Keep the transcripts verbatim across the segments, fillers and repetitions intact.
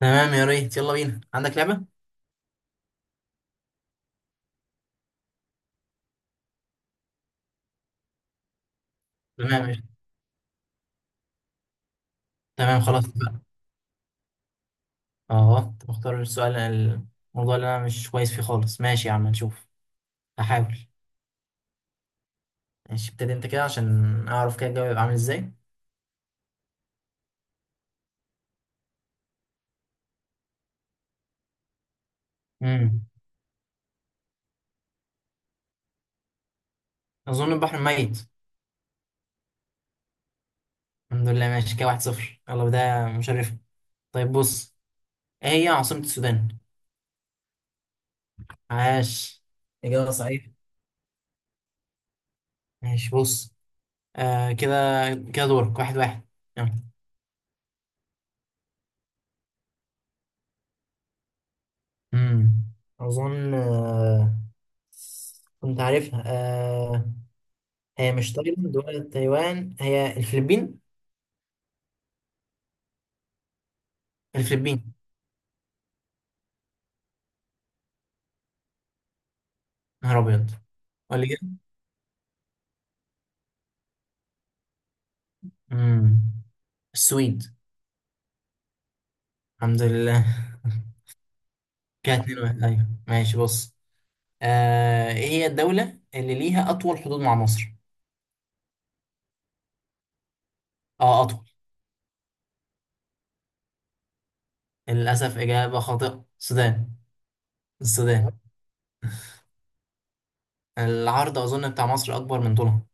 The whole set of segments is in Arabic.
تمام، يا ريت. يلا بينا. عندك لعبة؟ تمام يا- تمام خلاص بقى. اه طب اختار السؤال. الموضوع اللي انا مش كويس فيه خالص. ماشي يا عم، نشوف. هحاول. ماشي، ابتدي انت كده عشان اعرف كده الجو يبقى عامل ازاي. امم اظن البحر ميت. الحمد لله ماشي كده، واحد صفر. يلا، بداية مشرفة. طيب بص، ايه هي عاصمة السودان؟ عاش، إجابة صحيحة. ماشي بص. آه كده، كده دورك. واحد واحد. يلا. امم اظن آه، كنت عارفها آه، هي مش تايلاند ولا تايوان، هي الفلبين. الفلبين. نهار ابيض. ولا كده. امم السويد. الحمد لله. كده اتنين واحد، ايوه ماشي بص. آه ايه هي الدولة اللي ليها اطول حدود مع مصر؟ اه اطول. للاسف اجابة خاطئة، السودان. السودان. العرض اظن بتاع مصر اكبر من طولها.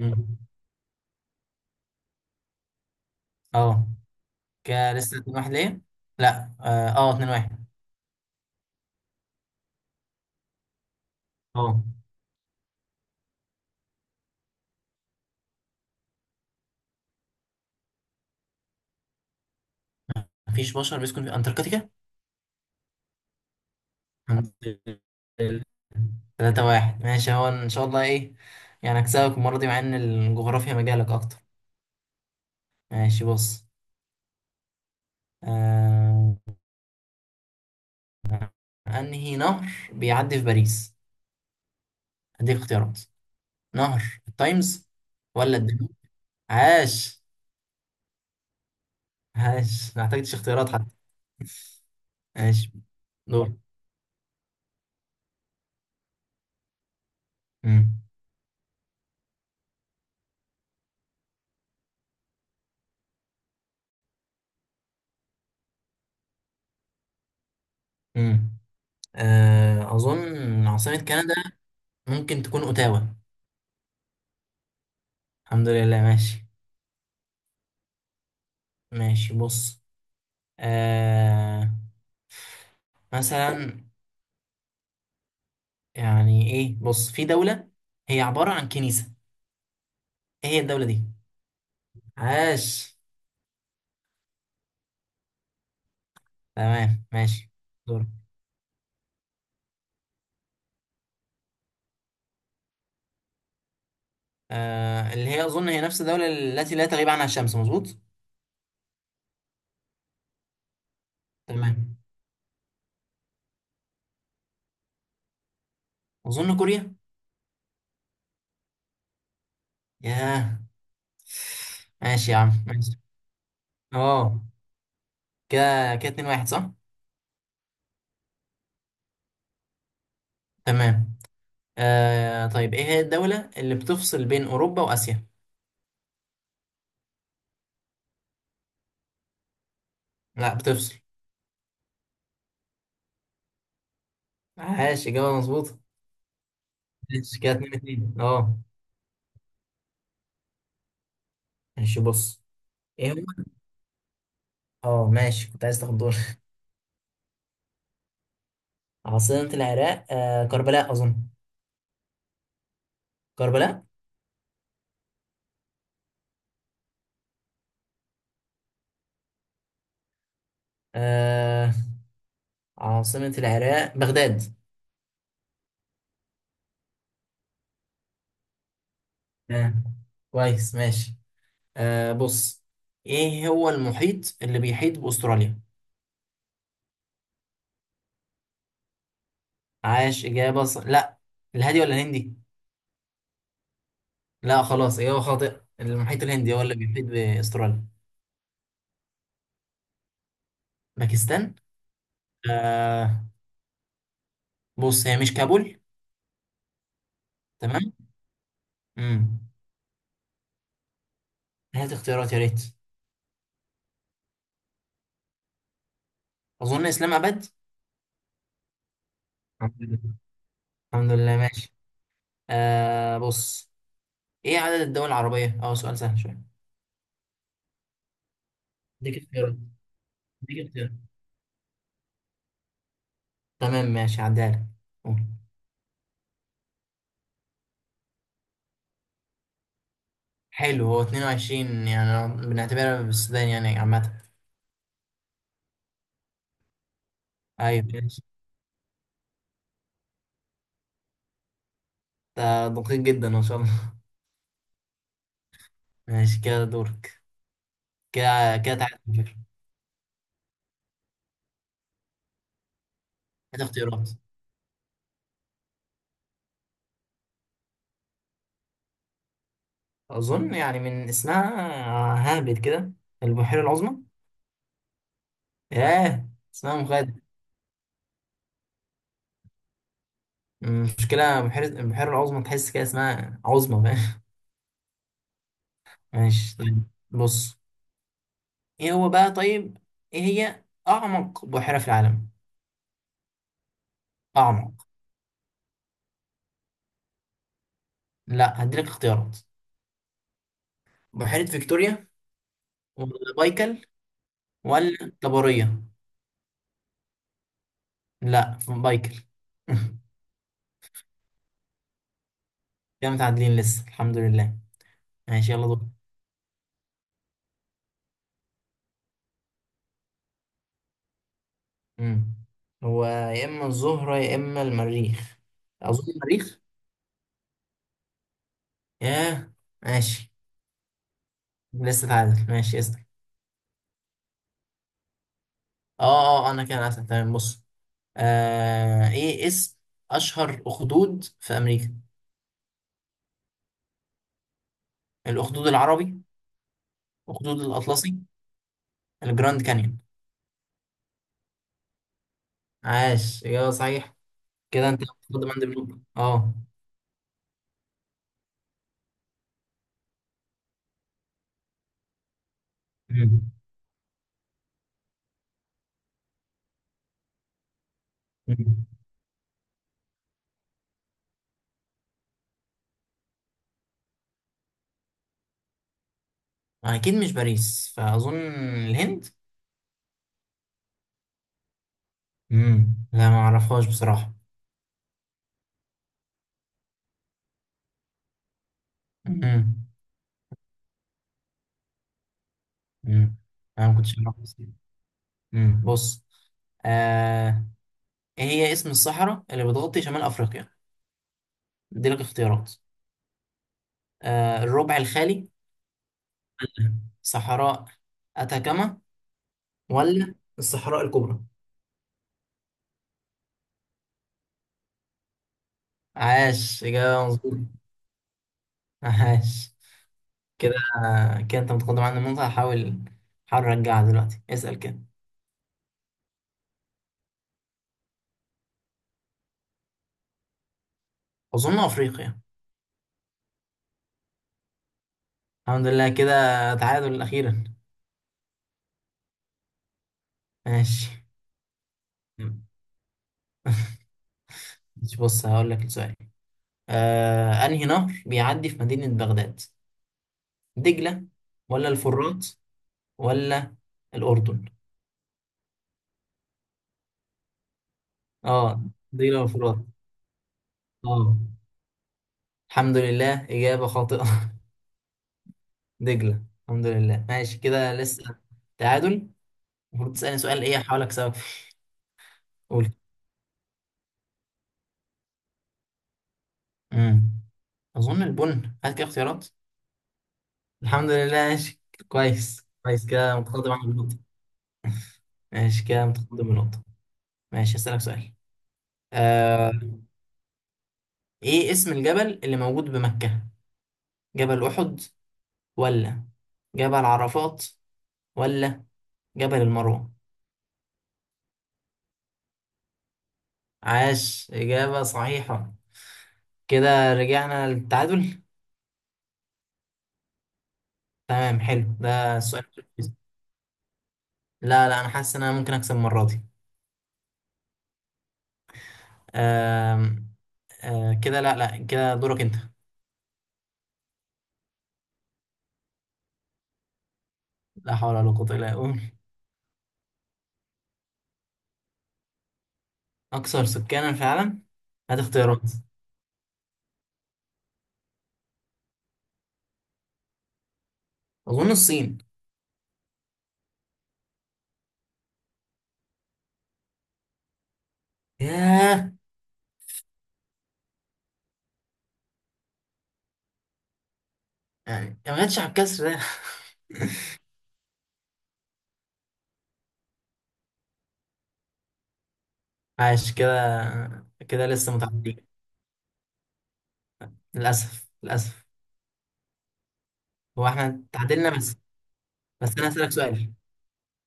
مم. اه، كده لسه اتنين واحد ليه. لا اه، آه، اتنين واحد. اه. مفيش بشر بيسكن في انتاركتيكا. الحمد لله، تلاتة واحد ماشي، هو إن شاء الله إيه، يعني هكسبك المرة دي مع إن الجغرافيا مجالك أكتر. ماشي بص. آه... أنهي نهر بيعدي في باريس؟ أديك اختيارات، نهر التايمز ولا الدانوب. عاش. عاش، ما احتاجتش اختيارات حتى. ماشي دور. مم. مم. آه... أظن عاصمة كندا ممكن تكون أوتاوا. الحمد لله ماشي. ماشي بص. آه... مثلا، يعني ايه، بص، في دولة هي عبارة عن كنيسة، ايه هي الدولة دي؟ عاش. تمام ماشي دور. آه اللي هي اظن هي نفس الدولة التي لا تغيب عنها الشمس، مظبوط. تمام. اظن كوريا. ياه. ماشي يا عم ماشي. اه كده كده اتنين واحد صح. تمام. آه طيب، ايه هي الدولة اللي بتفصل بين اوروبا واسيا؟ لا، بتفصل. عاش، اجابة مظبوطة. ماشي كده اتنين اتنين اه. ماشي بص، ايه هو؟ اه ماشي، كنت عايز تاخد دور. عاصمة العراق آه كربلاء أظن. كربلاء. آه عاصمة العراق بغداد. آه. كويس ماشي. آه بص، إيه هو المحيط اللي بيحيط بأستراليا؟ عاش، إجابة ص... لا، الهادي ولا الهندي؟ لا خلاص، إجابة خاطئة. المحيط الهندي هو اللي بيحيط بأستراليا. باكستان. آه بص، هي مش كابول. تمام. امم هات اختيارات يا ريت. أظن إسلام أبد. الحمد لله. الحمد لله، ماشي. آه بص، ايه عدد الدول العربية؟ اه سؤال سهل شوية. اديك اختيارات، اديك اختيارات. تمام ماشي، هعديها لك. قول. حلو، هو اتنين وعشرين يعني، بنعتبرها بالسودان يعني عامة. ايوه ماشي، ده دقيق جدا ما شاء الله. ماشي كده دورك. كده. كده تعالى على فكرة. هات اختيارات. اظن يعني من اسمها، هابت كده البحيرة العظمى. ياه، اسمها مخادع. المشكلة بحيرة البحيرة العظمى، تحس كده اسمها عظمى، فاهم. ماشي طيب. بص، ايه هو بقى؟ طيب، ايه هي اعمق بحيرة في العالم؟ اعمق. لا، هديلك اختيارات. بحيرة فيكتوريا ولا بايكل ولا طبرية. لا، بايكل. كده متعادلين لسه، الحمد لله. ماشي يلا دور. مم. هو يا اما الزهرة يا اما المريخ. اظن المريخ. ياه، ماشي. لسه تعادل، ماشي اسال. اه اه، آه، انا كده اسال، تمام بص. آه ايه اسم اشهر اخدود في امريكا؟ الاخدود العربي، أخدود الأطلسي، الجراند كانيون. عاش يا صحيح. كده أنت خد من بنقطة. أه. مم. مم. أكيد مش باريس، فأظن الهند. مم. لا، ما أعرفهاش بصراحة. مم. مم. أنا ما كنتش أعرف بس. مم. بص. آه. إيه هي اسم الصحراء اللي بتغطي شمال أفريقيا؟ أديلك اختيارات. آه. الربع الخالي، ولا صحراء أتاكاما، ولا الصحراء الكبرى. عاش، إجابة مظبوطة. عاش. كده، كده انت متقدم عن النقطة. هحاول هحاول ارجعها دلوقتي. اسأل كده. اظن افريقيا. الحمد لله، كده تعادل اخيرا. ماشي. ماشي، بص هقول لك السؤال. آه انهي نهر بيعدي في مدينة بغداد؟ دجلة ولا الفرات ولا الاردن. اه، دجلة والفرات. اه. الحمد لله، اجابة خاطئة. دجلة. الحمد لله ماشي، كده لسه تعادل. المفروض تسألني سؤال ايه هحاول اكسبك فيه. قول. امم اظن البن. هات كده اختيارات. الحمد لله ماشي. كويس كويس، كده متقدم عن النقطة. ماشي كده متقدم بنقطة. ماشي هسألك سؤال. آه ايه اسم الجبل اللي موجود بمكة؟ جبل أحد، ولا جبل عرفات، ولا جبل المروة. عاش، إجابة صحيحة. كده رجعنا للتعادل. تمام حلو، ده السؤال التركيزي. لا لا، أنا حاسس إن أنا ممكن أكسب المرة دي. آم، آه كده لا لا، كده دورك أنت. لا حول ولا قوة إلا بالله. أكثر سكانا في العالم. هات اختيارات. أظن الصين. ياه. يعني ما جاتش على الكسر ده. عاش كده، كده لسه متعادلين. للأسف للأسف. هو احنا تعادلنا بس. بس أنا هسألك سؤال.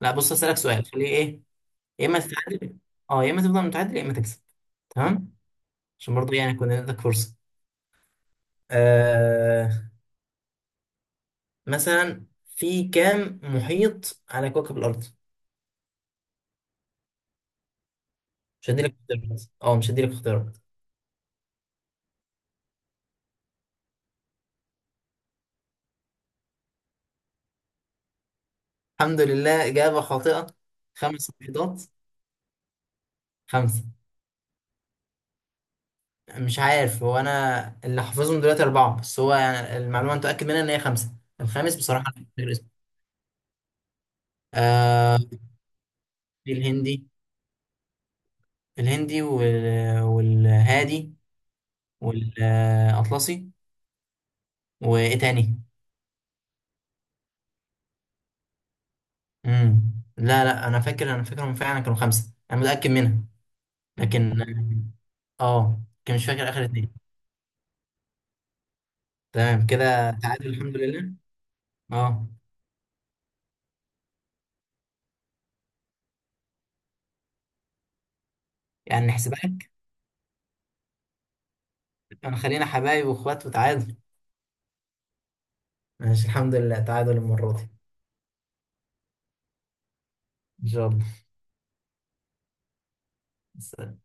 لا بص، هسألك سؤال خليه إيه. يا إما تتعادل، أه، يا إما تفضل متعادل، يا إما تكسب. تمام. عشان برضه يعني يكون عندك فرصة. آه، مثلا، في كام محيط على كوكب الأرض؟ مش هديلك اختيارات أه مش هديلك اختيارات. الحمد لله، إجابة خاطئة. خمس بيضات. خمسة. مش عارف، هو أنا اللي حافظهم دلوقتي أربعة، بس هو يعني المعلومة أنا متأكد منها إن هي خمسة. الخامس بصراحة أنا مش فاكر اسمه. آه في الهندي. الهندي وال... والهادي والأطلسي. وإيه تاني؟ مم. لا لا، أنا فاكر أنا فاكرهم، فعلا كانوا خمسة، أنا متأكد منها. لكن آه آه، كان مش فاكر آخر اتنين. تمام كده تعادل الحمد لله. آه، يعني نحسبها لك. أنا خلينا حبايب وإخوات وتعادل. ماشي الحمد لله تعادل المرة دي. ان شاء الله.